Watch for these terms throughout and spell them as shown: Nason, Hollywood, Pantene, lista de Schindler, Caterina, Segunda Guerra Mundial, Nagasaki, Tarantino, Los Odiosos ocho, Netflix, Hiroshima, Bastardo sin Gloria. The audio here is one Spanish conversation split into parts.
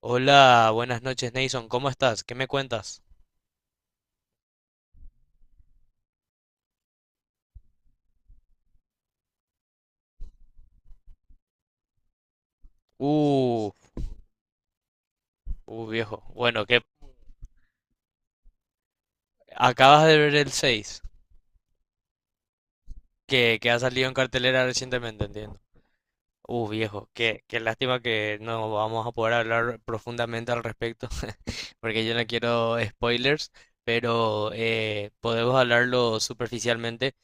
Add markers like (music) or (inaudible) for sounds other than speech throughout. Hola, buenas noches, Nason. ¿Cómo estás? ¿Qué me cuentas? Uh, viejo. Bueno, que acabas de ver el 6, que ha salido en cartelera recientemente, entiendo. Viejo, qué lástima que no vamos a poder hablar profundamente al respecto, (laughs) porque yo no quiero spoilers, pero podemos hablarlo superficialmente.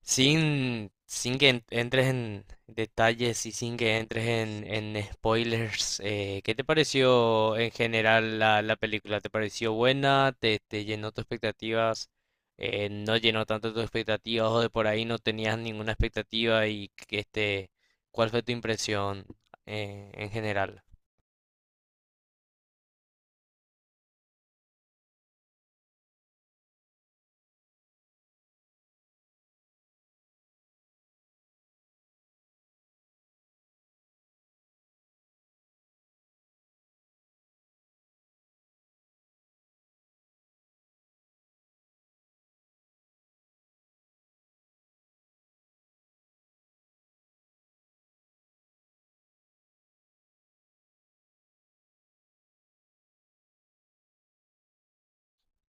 Sin que entres en detalles y sin que entres en spoilers, ¿qué te pareció en general la película? ¿Te pareció buena? ¿Te llenó tus expectativas? ¿No llenó tanto tus expectativas o de por ahí no tenías ninguna expectativa? Y que este, ¿cuál fue tu impresión en general?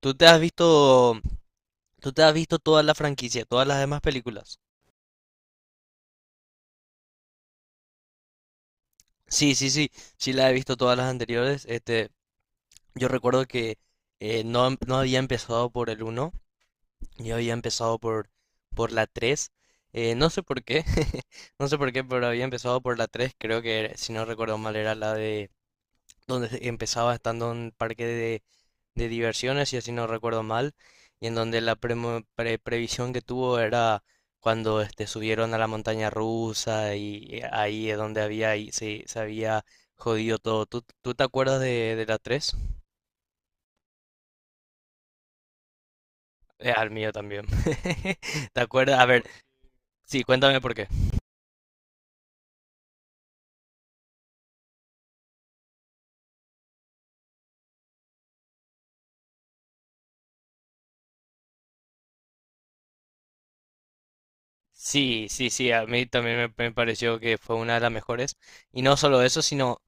¿Tú te has visto, ¿tú te has visto toda la franquicia, todas las demás películas? Sí, sí, sí, sí la he visto todas las anteriores. Este, yo recuerdo que no había empezado por el uno, yo había empezado por la 3. No sé por qué, (laughs) no sé por qué, pero había empezado por la 3. Creo que, si no recuerdo mal, era la de donde empezaba estando en un parque de diversiones, y así no recuerdo mal. Y en donde la previsión que tuvo era cuando este, subieron a la montaña rusa y ahí es donde había, y se había jodido todo. ¿Tú te acuerdas de la 3? Al mío también. (laughs) ¿Te acuerdas? A ver, sí, cuéntame por qué. Sí, sí, sí, a mí también me pareció que fue una de las mejores. Y no solo eso, sino,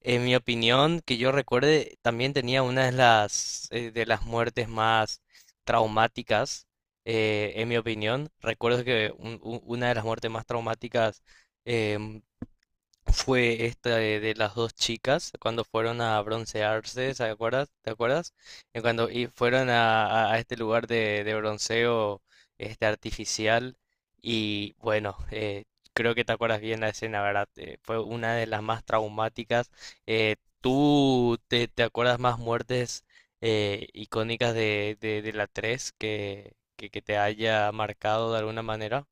en mi opinión, que yo recuerde, también tenía una de las muertes más traumáticas, en mi opinión. Recuerdo que una de las muertes más traumáticas, em, fue esta de las dos chicas cuando fueron a broncearse, ¿se acuerdas? ¿Te acuerdas? Cuando y fueron a este lugar de bronceo este artificial y bueno, creo que te acuerdas bien la escena, ¿verdad? Fue una de las más traumáticas. Eh, ¿Tú te acuerdas más muertes icónicas de la 3 que te haya marcado de alguna manera?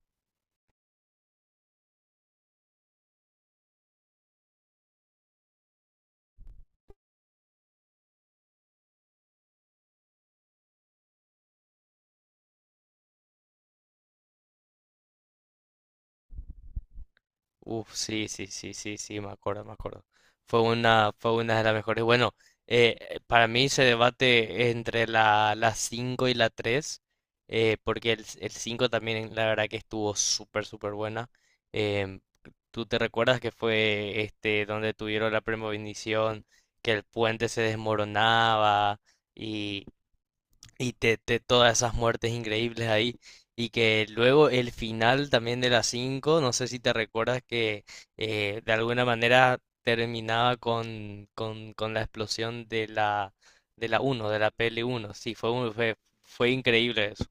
Uf, sí, sí, sí, sí, sí, me acuerdo, me acuerdo. Fue una de las mejores. Bueno, para mí se debate entre la, la 5 y la 3 porque el 5 también la verdad que estuvo súper, súper buena. Em, ¿Tú te recuerdas que fue este donde tuvieron la premonición, que el puente se desmoronaba y todas esas muertes increíbles ahí? Y que luego el final también de la cinco, no sé si te recuerdas que de alguna manera terminaba con la explosión de la uno de la pl uno. Sí, fue increíble eso.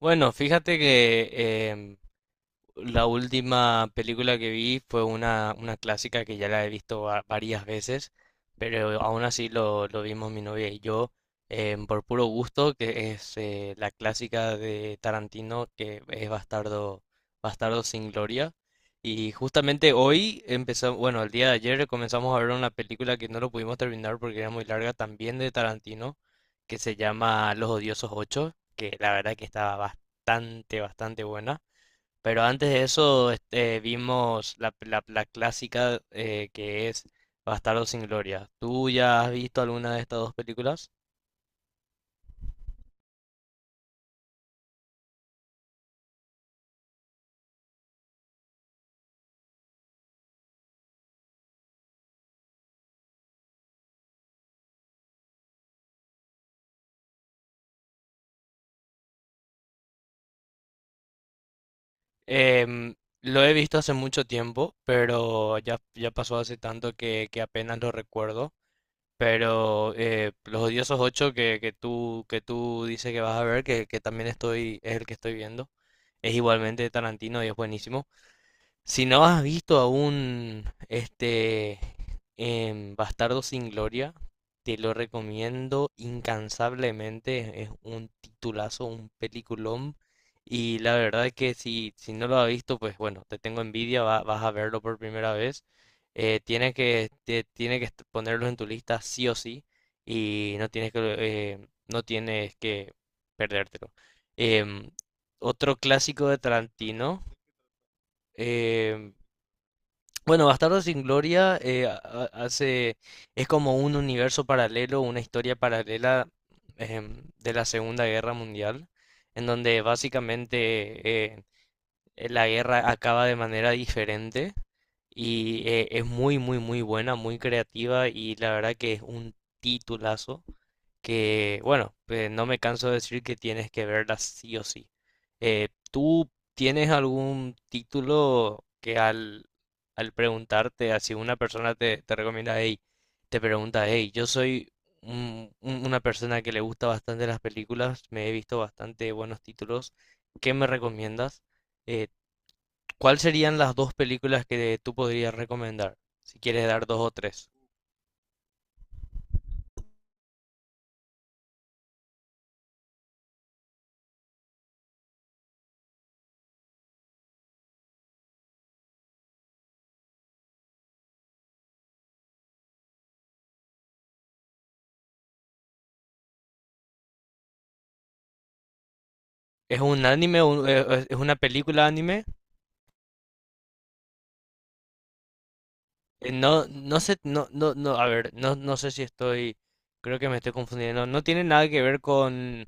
Bueno, fíjate que la última película que vi fue una clásica que ya la he visto varias veces, pero aún así lo vimos mi novia y yo por puro gusto, que es la clásica de Tarantino que es Bastardo sin Gloria. Y justamente hoy empezamos, bueno, el día de ayer comenzamos a ver una película que no lo pudimos terminar porque era muy larga, también de Tarantino, que se llama Los Odiosos Ocho, que la verdad que estaba bastante, bastante buena. Pero antes de eso este, vimos la clásica que es Bastardos sin Gloria. ¿Tú ya has visto alguna de estas dos películas? Em, lo he visto hace mucho tiempo, pero ya, ya pasó hace tanto que apenas lo recuerdo. Pero Los Odiosos Ocho que, que tú dices que vas a ver, que también estoy, es el que estoy viendo, es igualmente de Tarantino y es buenísimo. Si no has visto aún este Bastardo sin Gloria, te lo recomiendo incansablemente. Es un titulazo, un peliculón. Y la verdad es que si, si no lo has visto, pues bueno, te tengo envidia, vas a verlo por primera vez. Tienes que, tiene que ponerlo en tu lista sí o sí. Y no tienes que, no tienes que perdértelo. Em, Otro clásico de Tarantino. em, bueno, Bastardo sin Gloria es como un universo paralelo, una historia paralela de la Segunda Guerra Mundial, en donde básicamente la guerra acaba de manera diferente y es muy, muy, muy buena, muy creativa y la verdad que es un titulazo que, bueno, pues, no me canso de decir que tienes que verla sí o sí. ¿Tú tienes algún título que al, al preguntarte, así una persona te recomienda, hey, te pregunta, hey, yo soy una persona que le gusta bastante las películas, me he visto bastante buenos títulos, ¿qué me recomiendas? Eh, ¿Cuáles serían las dos películas que tú podrías recomendar? Si quieres dar dos o tres. ¿Es un anime? ¿Es una película anime? No, no sé, no, no, no, a ver, no, no sé si estoy, creo que me estoy confundiendo. No tiene nada que ver con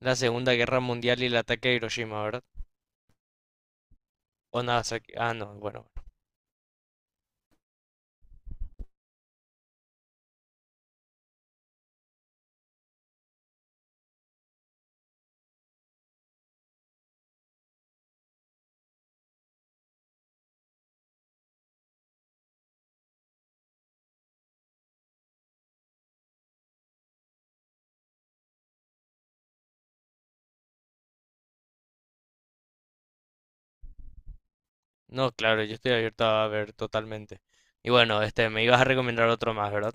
la Segunda Guerra Mundial y el ataque a Hiroshima, ¿verdad? O Nagasaki. Ah, no, bueno. No, claro, yo estoy abierto a ver totalmente. Y bueno, este, me ibas a recomendar otro más, ¿verdad?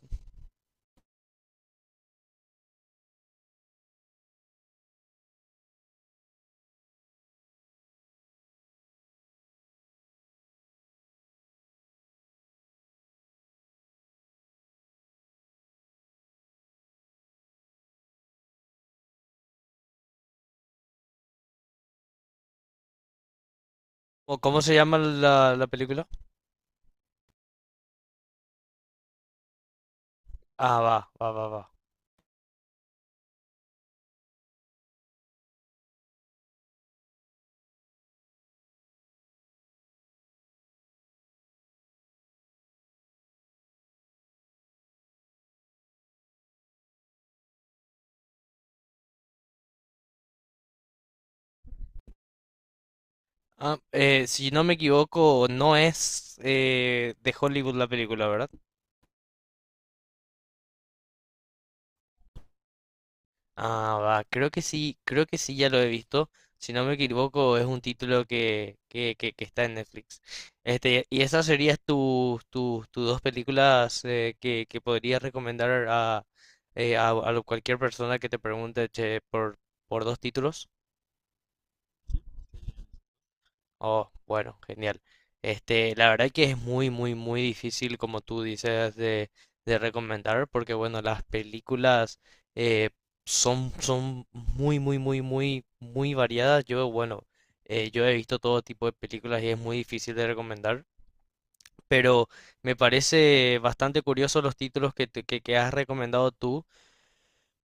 ¿O cómo se llama la película? Ah, va, va, va, va. Ah, si no me equivoco, no es de Hollywood la película, ¿verdad? Ah, va, creo que sí, ya lo he visto. Si no me equivoco, es un título que está en Netflix. Este, y esas serían tus dos películas que podrías recomendar a, a cualquier persona que te pregunte, che, por dos títulos. Oh, bueno, genial. Este, la verdad que es muy, muy, muy difícil, como tú dices, de recomendar, porque bueno, las películas eh, son, son muy, muy, muy, muy, muy variadas. Yo, bueno, yo he visto todo tipo de películas y es muy difícil de recomendar, pero me parece bastante curioso los títulos que, que has recomendado tú.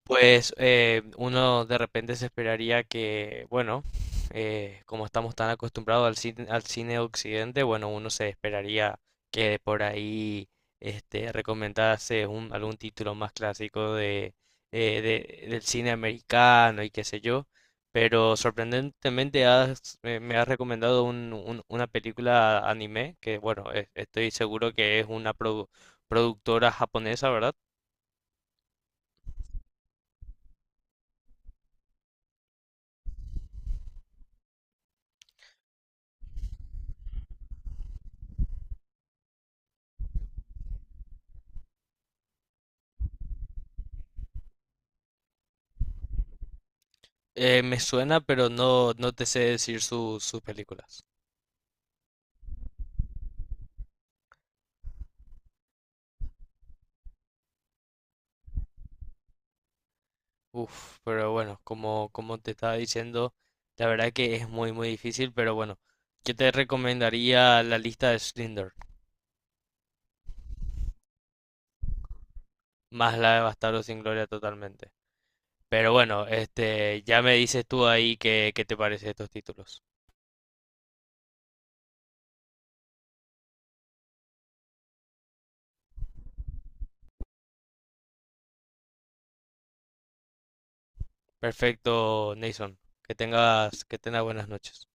Pues uno de repente se esperaría que, bueno, como estamos tan acostumbrados al cine de Occidente, bueno, uno se esperaría que por ahí este, recomendase un, algún título más clásico de, del cine americano y qué sé yo, pero sorprendentemente me has recomendado una película anime que, bueno, estoy seguro que es una productora japonesa, ¿verdad? Me suena, pero no, no te sé decir sus películas. Uf, pero bueno, como, como te estaba diciendo, la verdad que es muy, muy difícil, pero bueno, yo te recomendaría La Lista de Schindler, más la de Bastardos sin Gloria totalmente. Pero bueno, este, ya me dices tú ahí qué, qué te parece estos títulos. Perfecto, Nason. Que tengas buenas noches.